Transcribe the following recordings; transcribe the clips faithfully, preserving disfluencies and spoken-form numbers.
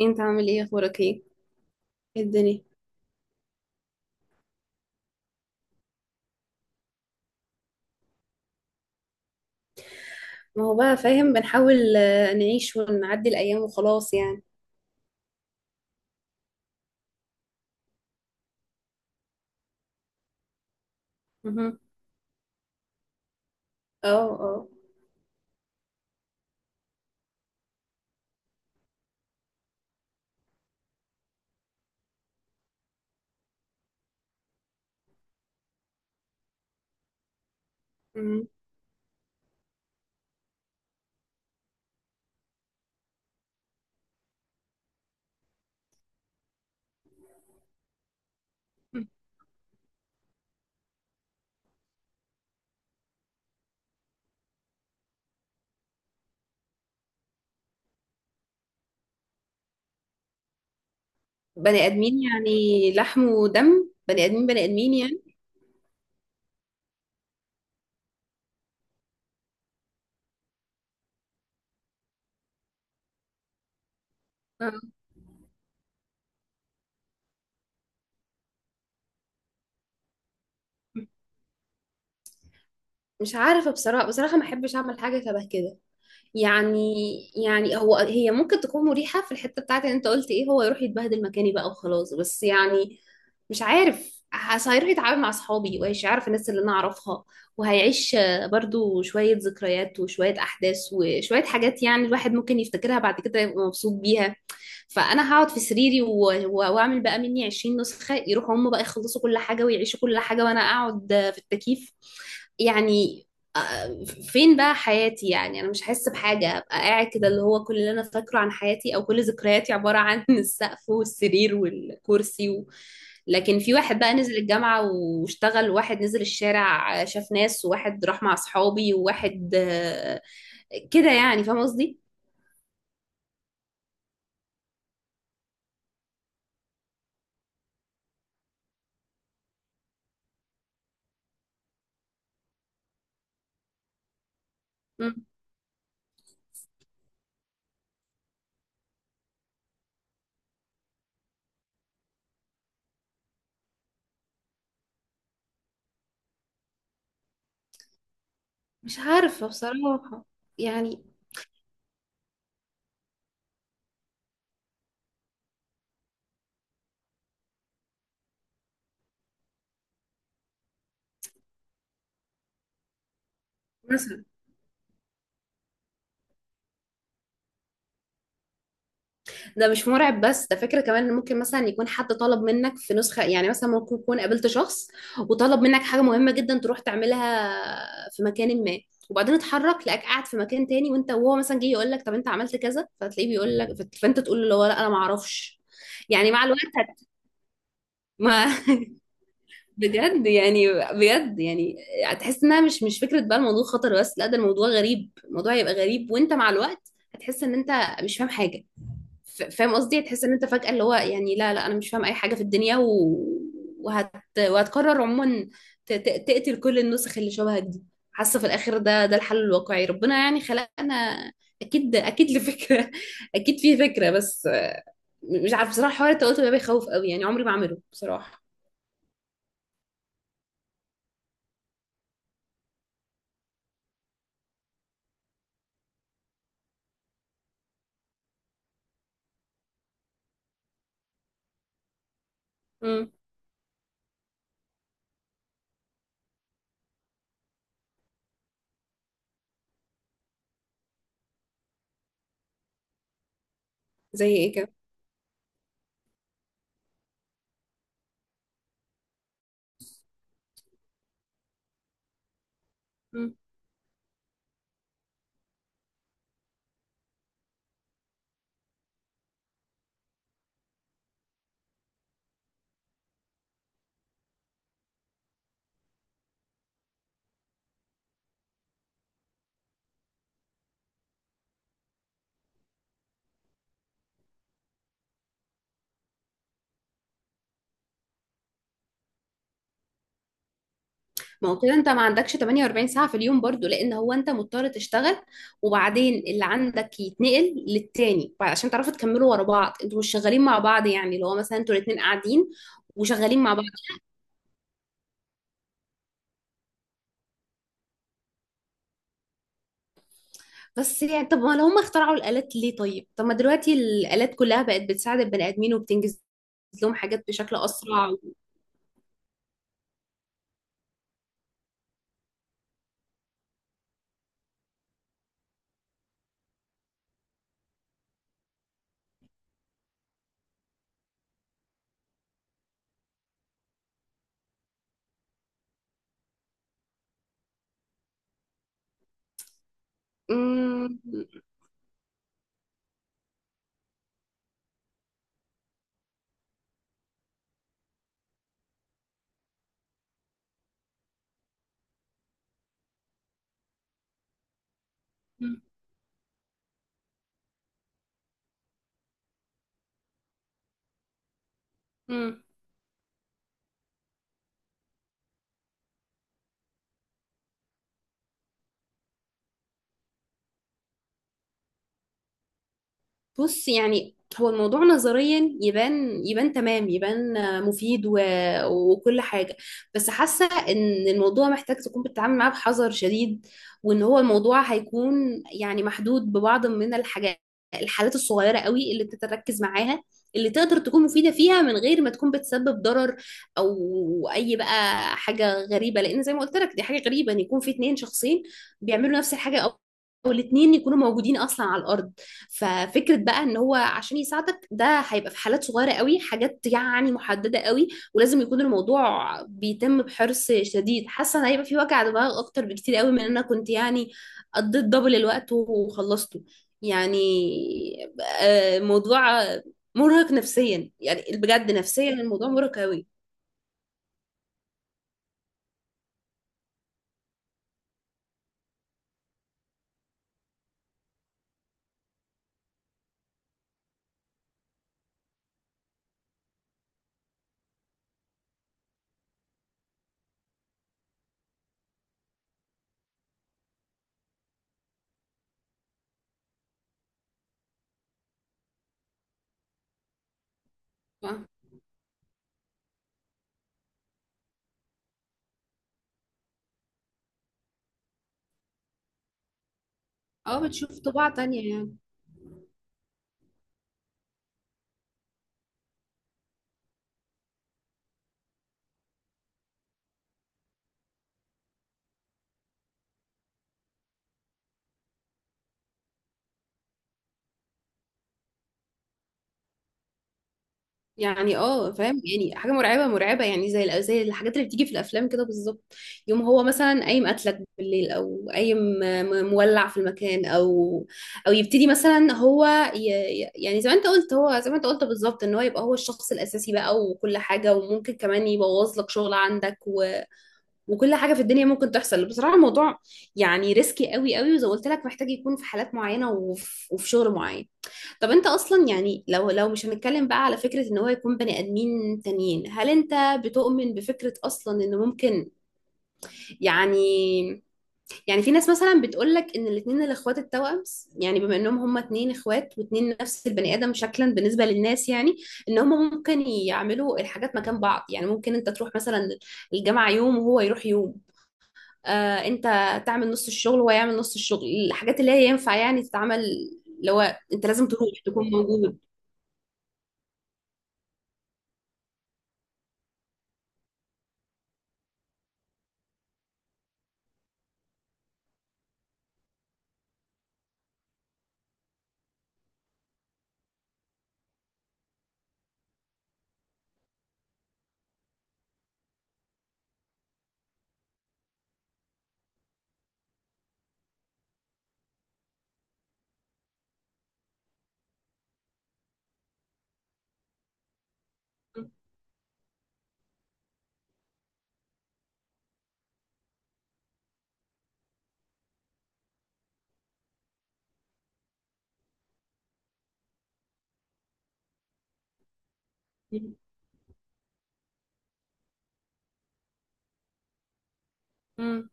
انت عامل ايه؟ اخبارك ايه؟ ايه الدنيا؟ ما هو بقى فاهم، بنحاول آه، نعيش ونعدي الايام وخلاص يعني. مهم. اه. اه. مم. بني ادمين يعني، لحم ودم، بني ادمين بني ادمين يعني. آه. مش عارفه بصراحه بصراحه، ما احبش اعمل حاجه شبه كده يعني يعني هو هي ممكن تكون مريحة في الحتة بتاعت ان انت قلت ايه، هو يروح يتبهدل مكاني بقى وخلاص، بس يعني مش عارف، حاسة هيروح يتعامل مع اصحابي وهيعرف الناس اللي انا اعرفها، وهيعيش آه، برضو شوية ذكريات وشوية احداث وشوية حاجات، يعني الواحد ممكن يفتكرها بعد كده يبقى مبسوط بيها. فانا هقعد في سريري و- و- واعمل بقى مني عشرين نسخة، يروحوا هم بقى يخلصوا كل حاجة ويعيشوا كل حاجة، وانا اقعد آه، في التكييف يعني. فين بقى حياتي؟ يعني انا مش هحس بحاجه، ابقى قاعد كده اللي هو كل اللي انا فاكره عن حياتي او كل ذكرياتي عباره عن السقف والسرير والكرسي و... لكن في واحد بقى نزل الجامعه واشتغل، وواحد نزل الشارع شاف ناس، وواحد راح مع اصحابي، وواحد آه، كده يعني، فاهم قصدي. مم. مش عارفه بصراحه يعني. ده مش مرعب بس، ده فكرة كمان، إن ممكن مثلا يكون حد طلب منك في نسخة، يعني مثلا ممكن يكون قابلت شخص وطلب منك حاجة مهمة جدا تروح تعملها في مكان ما، وبعدين اتحرك لقاك قاعد في مكان تاني، وانت وهو مثلا جه يقول لك طب انت عملت كذا، فتلاقيه بيقول لك، فانت تقول له اللي هو لا انا ما اعرفش. يعني مع الوقت هت- ما بجد يعني، بجد يعني هتحس انها مش مش فكرة بقى الموضوع خطر، بس لا، ده الموضوع غريب، الموضوع هيبقى غريب، وانت مع الوقت هتحس ان انت مش فاهم حاجة. ف- فاهم قصدي، تحس ان انت فجأة اللي هو يعني لا لا انا مش فاهم اي حاجة في الدنيا و... وهت... وهتقرر عموما ت... ت... تقتل كل النسخ اللي شبهك دي، حاسة في الاخر ده ده الحل الواقعي. ربنا يعني خلقنا اكيد اكيد لفكرة اكيد في فكرة، بس آه، مش عارفة بصراحة، حوار التوأم ده بيخوف قوي، يعني عمري ما اعمله بصراحة. امم. زي ايه؟ كده. ما هو كده انت ما عندكش ثمانية واربعين ساعة في اليوم برضو، لان هو انت مضطر تشتغل، وبعدين اللي عندك يتنقل للتاني بعد- عشان تعرفوا تكملوا ورا بعض، انتوا مش شغالين مع بعض، يعني اللي هو مثلا انتوا الاتنين قاعدين وشغالين مع بعض، بس يعني طب ما لو هم اخترعوا الآلات ليه؟ طيب، طب ما دلوقتي الآلات كلها بقت بتساعد البني آدمين وبتنجز لهم حاجات بشكل أسرع و... مم. مم. بص يعني هو الموضوع نظريا يبان، يبان تمام، يبان مفيد و... وكل حاجة، بس حاسة ان الموضوع محتاج تكون بتتعامل معاه بحذر شديد، وان هو الموضوع هيكون يعني محدود ببعض من الحاجات، الحالات الصغيرة قوي اللي انت تركز معاها، اللي تقدر تكون مفيدة فيها من غير ما تكون بتسبب ضرر او اي بقى حاجة غريبة، لان زي ما قلت لك دي حاجة غريبة، ان يكون في اتنين شخصين بيعملوا نفس الحاجة، او أو الاتنين يكونوا موجودين اصلا على الارض. ففكرة بقى ان هو عشان يساعدك ده، هيبقى في حالات صغيرة قوي، حاجات يعني محددة قوي، ولازم يكون الموضوع بيتم بحرص شديد. حاسة ان هيبقى في وجع دماغ اكتر بكتير قوي من ان انا كنت يعني قضيت دبل الوقت وخلصته يعني. آه، موضوع مرهق نفسيا، يعني بجد نفسيا الموضوع مرهق قوي. اه. آه، بتشوف طباع تانية يعني. يعني اه فاهم، يعني حاجه مرعبه مرعبه، يعني زي الأ- زي الحاجات اللي بتيجي في الافلام كده بالظبط. يوم هو مثلا قايم قتلك بالليل، او قايم م- مولع في المكان، او او يبتدي مثلا هو ي... ي- يعني زي ما انت قلت، هو زي ما انت قلت بالظبط، ان هو يبقى هو الشخص الاساسي بقى وكل حاجه، وممكن كمان يبوظ لك شغل عندك و... وكل حاجه في الدنيا ممكن تحصل. بصراحه الموضوع يعني ريسكي قوي قوي، وزي ما قلت لك محتاج يكون في حالات معينه، وفي, وفي شغل معين. طب انت اصلا يعني لو لو مش هنتكلم بقى على فكرة ان هو يكون بني ادمين تانيين، هل انت بتؤمن بفكرة اصلا ان ممكن يعني؟ يعني في ناس مثلا بتقولك ان الاتنين الاخوات التوأم، يعني بما انهم هما اتنين اخوات واتنين نفس البني ادم شكلا بالنسبة للناس، يعني ان هما ممكن يعملوا الحاجات مكان بعض، يعني ممكن انت تروح مثلا الجامعة يوم وهو يروح يوم، آه انت تعمل نص الشغل وهو يعمل نص الشغل، الحاجات اللي هي ينفع يعني تتعمل اللي هو انت لازم تروح تكون موجود. مم.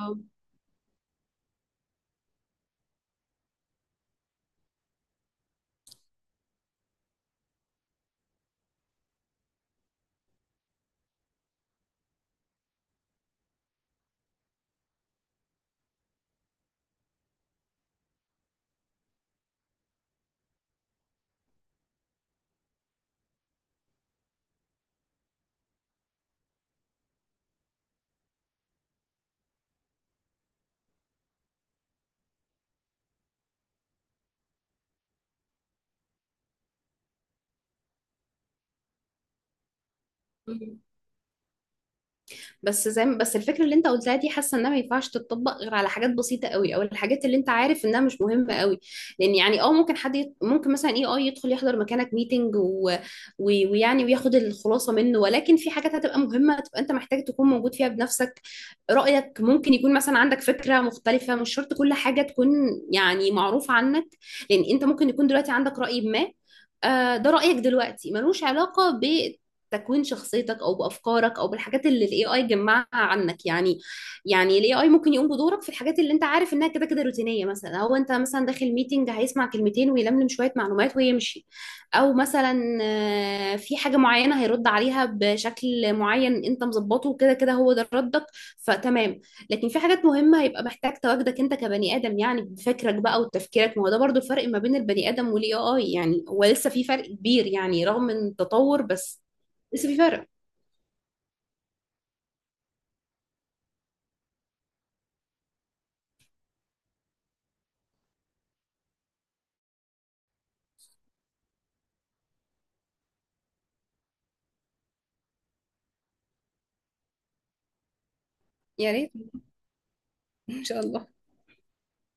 أو. مم. بس زي ما بس الفكره اللي انت قلتها دي، حاسه انها ما ينفعش تتطبق غير على حاجات بسيطه قوي، او الحاجات اللي انت عارف انها مش مهمه قوي، لان يعني اه ممكن حد يت... ممكن مثلا اي اي يدخل يحضر مكانك ميتنج و... و... ويعني وياخد الخلاصه منه، ولكن في حاجات هتبقى مهمه، تبقى انت محتاج تكون موجود فيها بنفسك. رايك ممكن يكون مثلا عندك فكره مختلفه، مش شرط كل حاجه تكون يعني معروفه عنك، لان انت ممكن يكون دلوقتي عندك راي ما. آه، ده رأيك دلوقتي، ملوش علاقة تكوين شخصيتك او بافكارك او بالحاجات اللي الاي اي جمعها عنك يعني. يعني الاي اي ممكن يقوم بدورك في الحاجات اللي انت عارف انها كده كده روتينيه، مثلا هو انت مثلا داخل ميتنج، هيسمع كلمتين ويلملم شويه معلومات ويمشي، او مثلا آه، في حاجه معينه هيرد عليها بشكل معين انت مظبطه، وكده كده هو ده ردك، فتمام. لكن في حاجات مهمه هيبقى محتاج تواجدك انت كبني ادم يعني، بفكرك بقى وتفكيرك، ما هو ده برضو الفرق ما بين البني ادم والاي اي يعني، هو لسه في فرق كبير يعني رغم التطور، بس بس في فرق. يا ريت، ان شاء الله.